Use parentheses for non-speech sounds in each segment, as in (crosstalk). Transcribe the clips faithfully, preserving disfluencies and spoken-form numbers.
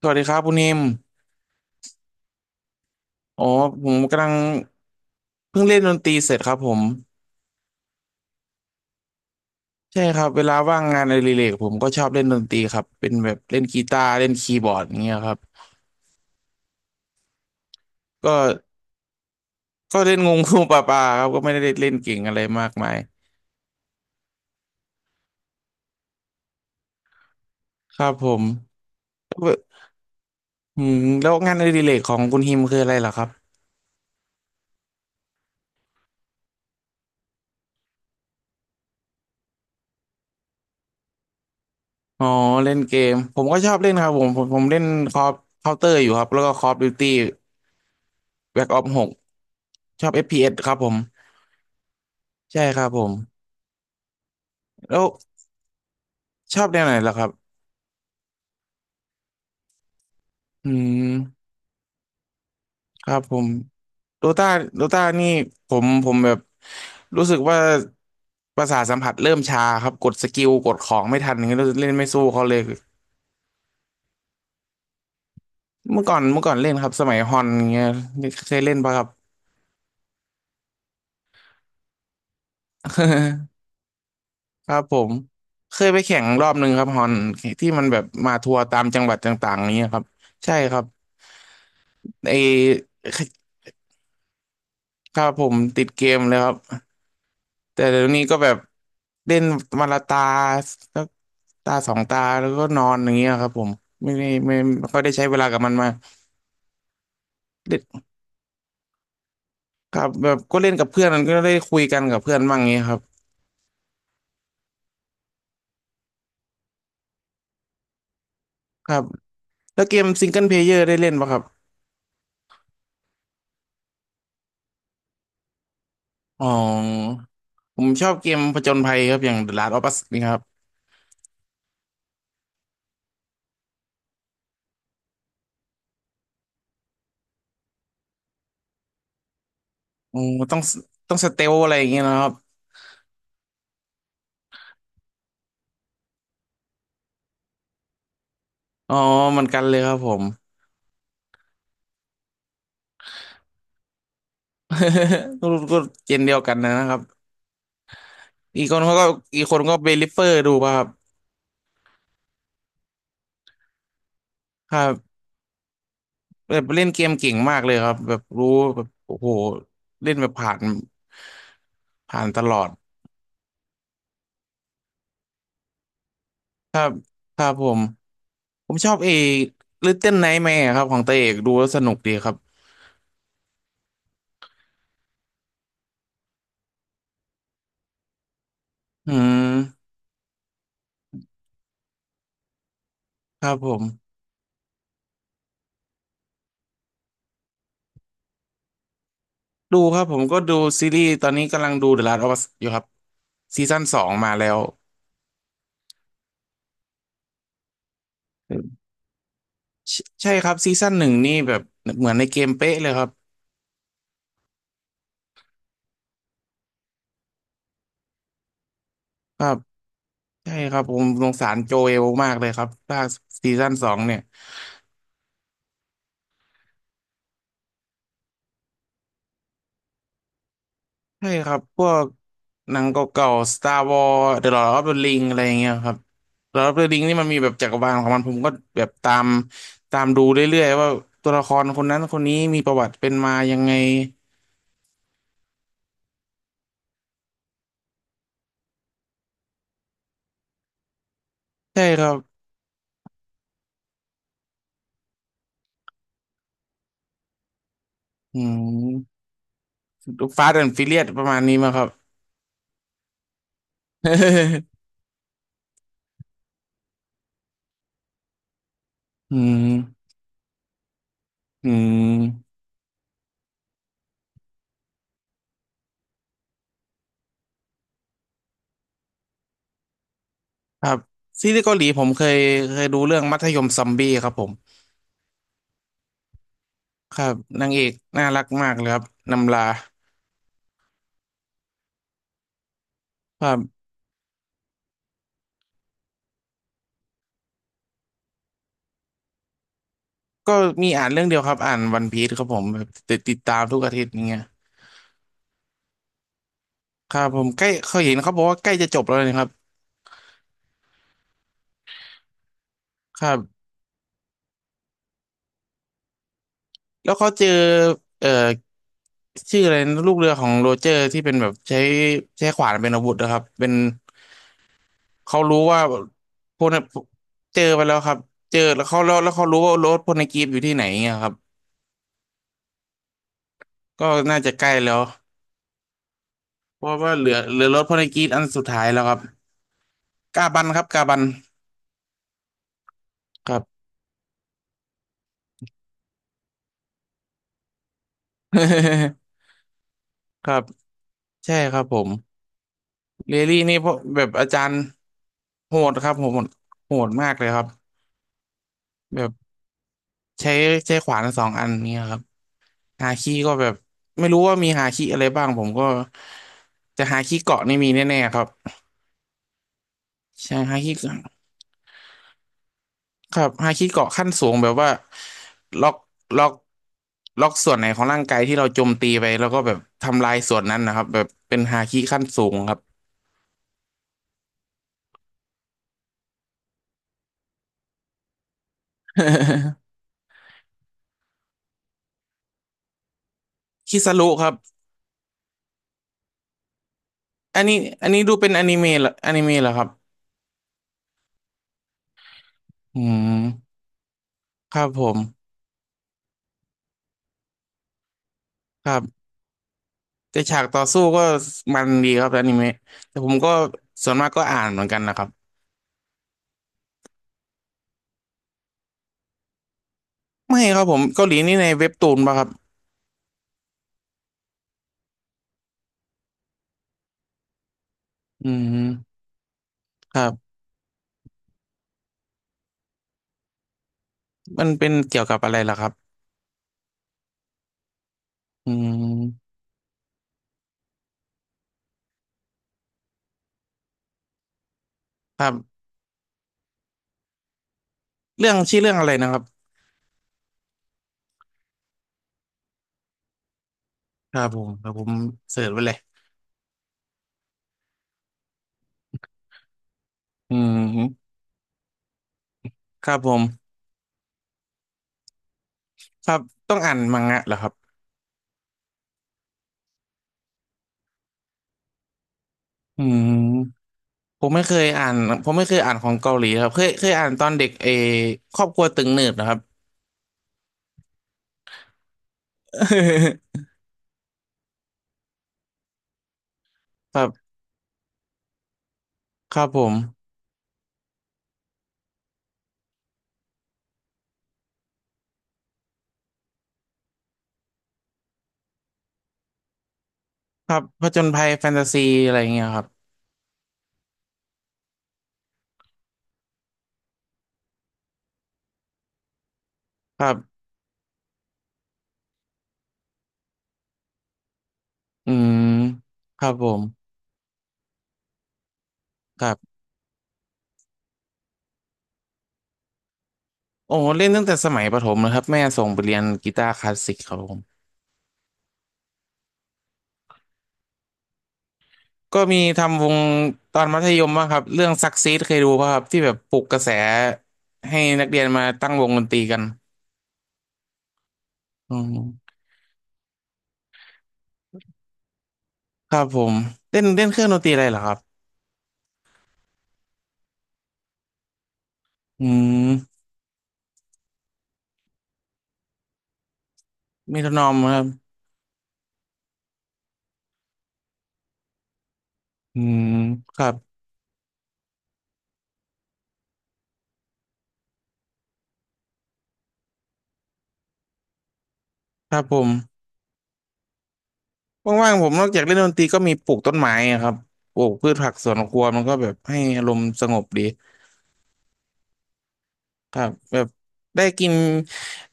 สวัสดีครับคุณนิมอ๋อผมกำลังเพิ่งเล่นดนตรีเสร็จครับผมใช่ครับเวลาว่างงานอดิเรกผมก็ชอบเล่นดนตรีครับเป็นแบบเล่นกีตาร์เล่นคีย์บอร์ดอย่างเงี้ยครับก็ก็เล่นงงงูปลาปลาครับก็ไม่ได้เล่นเก่งอะไรมากมายครับผมแล้วอืมแล้วงานอดิเรกของคุณฮิมคืออะไรเหรอครับอ๋อเล่นเกมผมก็ชอบเล่นครับผมผมผมเล่นคอเคาน์เตอร์อยู่ครับแล้วก็คอฟดิวตี้แบ็กออฟหกชอบเอฟพีเอสครับผมใช่ครับผมแล้วชอบแนวไหนล่ะครับ อืมครับผมโดต้าโดต้านี่ผมผมแบบรู้สึกว่าประสาทสัมผัสเริ่มชาครับกดสกิลกดของไม่ทันอย่างเงี้ยรู้สึกเล่นไม่สู้เขาเลยเมื่อก่อนเมื่อก่อนเล่นครับสมัยฮอนอย่างเงี้ยเคยเล่นปะครับ (laughs) ครับผมเคยไปแข่งรอบหนึ่งครับฮอนที่มันแบบมาทัวร์ตามจังหวัดต่างๆอย่างเงี้ยครับใช่ครับไอครับผมติดเกมเลยครับ แต่เดี๋ยวนี้ก็แบบเล่นมันละตาสักตาสองตาแล้วก็นอนอย่างเงี้ยครับผมไม่ได้ไม่ไม่ค่อยได้ใช้เวลากับมันมาเล่นครับแบบก็เล่นกับเพื่อนมันก็ได้คุยกันกับเพื่อนบ้างเงี้ยครับครับแล้วเกมซิงเกิลเพลเยอร์ได้เล่นปะครับอ๋อผมชอบเกมผจญภัยครับอย่าง The Last of Us นี่ครับอ๋อต้องต้องสเตลอะไรอย่างเงี้ยนะครับอ๋อเหมือนกันเลยครับผม (laughs) ก็ก็เกมเดียวกันนะครับอีกคนเขาก็อีกคนก็เบลิเฟอร์ดูป่ะครับครับ แบบเล่นเกมเก่งมากเลยครับแบบรู้แบบโอ้โหเล่นแบบผ่านผ่านตลอดครับผมผมชอบเอลิตเติ้ลไนท์แมร์ครับของตาเอกดูแล้วสนุกดีครับอืมครับผมดูครับผมก็ดูซีรีส์ตอนนี้กำลังดู The Last of Us อยู่ครับซีซั่นสองมาแล้วใช่ใช่ครับซีซั่นหนึ่งนี่แบบเหมือนในเกมเป๊ะเลยครับครับใช่ครับผมสงสารโจเอลมากเลยครับถ้าซีซั่นสองเนี่ย ใช่ครับพวกหนังเก่าๆ Star Wars The Lord of the Ring อะไรอย่างเงี้ยครับ The Lord of the Ring นี่มันมีแบบจักรวาลของมันผมก็แบบตามตามดูเรื่อยๆว่าตัวละครคนนั้นคนนี้มีประวัติเป็นมายังไงใช่ครับอืมฟาสต์แอนด์ฟิเลียสประมาณนี้มั้งครับ (laughs) อืมอืมครับซีรีส์เกาหลีผมเคยเคยดูเรื่องมัธยมซอมบี้ครับผมครับนางเอกน่ารักมากเลยครับนำลาครับ ก็มีอ่านเรื่องเดียวครับอ่านวันพีซครับผมแบบติดติดตามทุกอาทิตย์อย่างเงี้ยครับผมใกล้เขาเห็นเขาบอกว่าใกล้จะจบแล้วนะครับครับแล้วเขาเจอเอ่อชื่ออะไรนะลูกเรือของโรเจอร์ที่เป็นแบบใช้ใช้ขวานเป็นอาวุธนะครับเป็นเขารู้ว่าพวกนั้นเจอไปแล้วครับเจอแล้วเขาแล้วแล้วเขารู้ว่ารถพวกในกรีฟอยู่ที่ไหนเงี้ยครับก็น่าจะใกล้แล้วเพราะว่าเหลือเหลือรถพวกในกรีฟอันสุดท้ายแล้วครับกาบันครับกาบันครับ (laughs) ครับใช่ครับผม เรลลี่นี่พวกแบบอาจารย์โหดครับโหดโหดมากเลยครับแบบใช้ใช้ขวานสองอันเนี่ยครับหาคีก็แบบไม่รู้ว่ามีหาคีอะไรบ้างผมก็จะหาคีเกาะนี่มีแน่ๆครับใช่ฮาคิครับฮาคิเกาะขั้นสูงแบบว่าล็อกล็อกล็อกส่วนไหนของร่างกายที่เราโจมตีไปแล้วก็แบบทำลายส่วนนั้นนะครับแบบเป็นฮาคิขั้นสูงครับ (laughs) คิซารุครับอันนี้อันนี้ดูเป็นอนิเมะเหรออนิเมะเหรอครับอืม ครับผมครับแต่ฉากต่อสู้ก็มันดีครับอนิเมะแต่ผมก็ส่วนมากก็อ่านเหมือนกันนะครับไม่ครับผมเกาหลีนี่ในเว็บตูนป่ะครับอืมครับมันเป็นเกี่ยวกับอะไรล่ะครับอืมครับเรื่องชื่อเรื่องอะไรนะครับครับผมครับผมเสิร์ชไว้เลยอืมครับผมครับต้องอ่านมังงะเหรอครับอืมผมไม่เคยอ่านผมไม่เคยอ่านของเกาหลีครับเคยเคยอ่านตอนเด็กเออครอบครัวตึงหนืดนะครับ (laughs) ครับครับผม ครับผจญภัยแฟนตาซีอะไรอย่างเงี้ยครับ ครับอืมครับผม ครับโอ้โห เล่นตั้งแต่สมัยประถมเลยครับแม่ส่งไปเรียนกีตาร์คลาสสิกครับผม ก็มีทำวงตอนมัธยมบ้างครับ เรื่องซักซีดเคยดูป่ะครับที่แบบปลุกกระแสให้นักเรียนมาตั้งวงดนตรีกันอืมครับผม เล่นเล่นเครื่องดนตรีอะไรเหรอครับอืมมีทนอมครับอืมครับ ครับผม ว่างๆผมนอกจากเล่นดนตรีก็มีปลูกต้นไม้อะครับปลูกพืชผักสวนครัวมันก็แบบให้อารมณ์สงบดีครับแบบได้กิน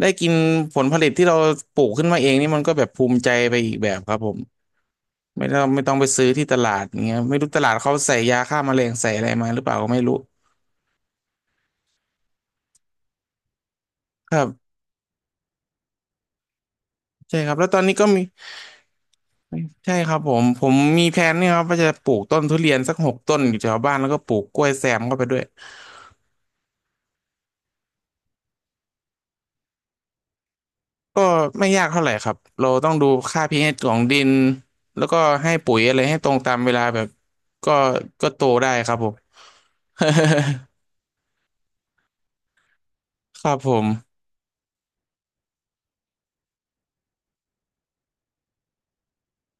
ได้กินผลผลิตที่เราปลูกขึ้นมาเองนี่มันก็แบบภูมิใจไปอีกแบบครับผมไม่ต้องไม่ต้องไปซื้อที่ตลาดอย่างเงี้ยไม่รู้ตลาดเขาใส่ยาฆ่าแมลงใส่อะไรมาหรือเปล่าก็ไม่รู้ครับใช่ครับแล้วตอนนี้ก็มีใช่ครับผมผมมีแผนเนี่ยครับว่าจะปลูกต้นทุเรียนสักหกต้นอยู่แถวบ้านแล้วก็ปลูกกล้วยแซมเข้าไปด้วย ก็ไม่ยากเท่าไหร่ครับ เราต้องดูค่า พี เอช ของดินแล้วก็ให้ปุ๋ยอะไรให้ตรงตามเวลาแบบก็ก็โตได้ครับผม (laughs) ครับผม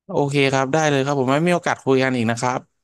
โอเคครับได้เลยครับผมไว้มีโอกาสคุยกันอีกนะครับ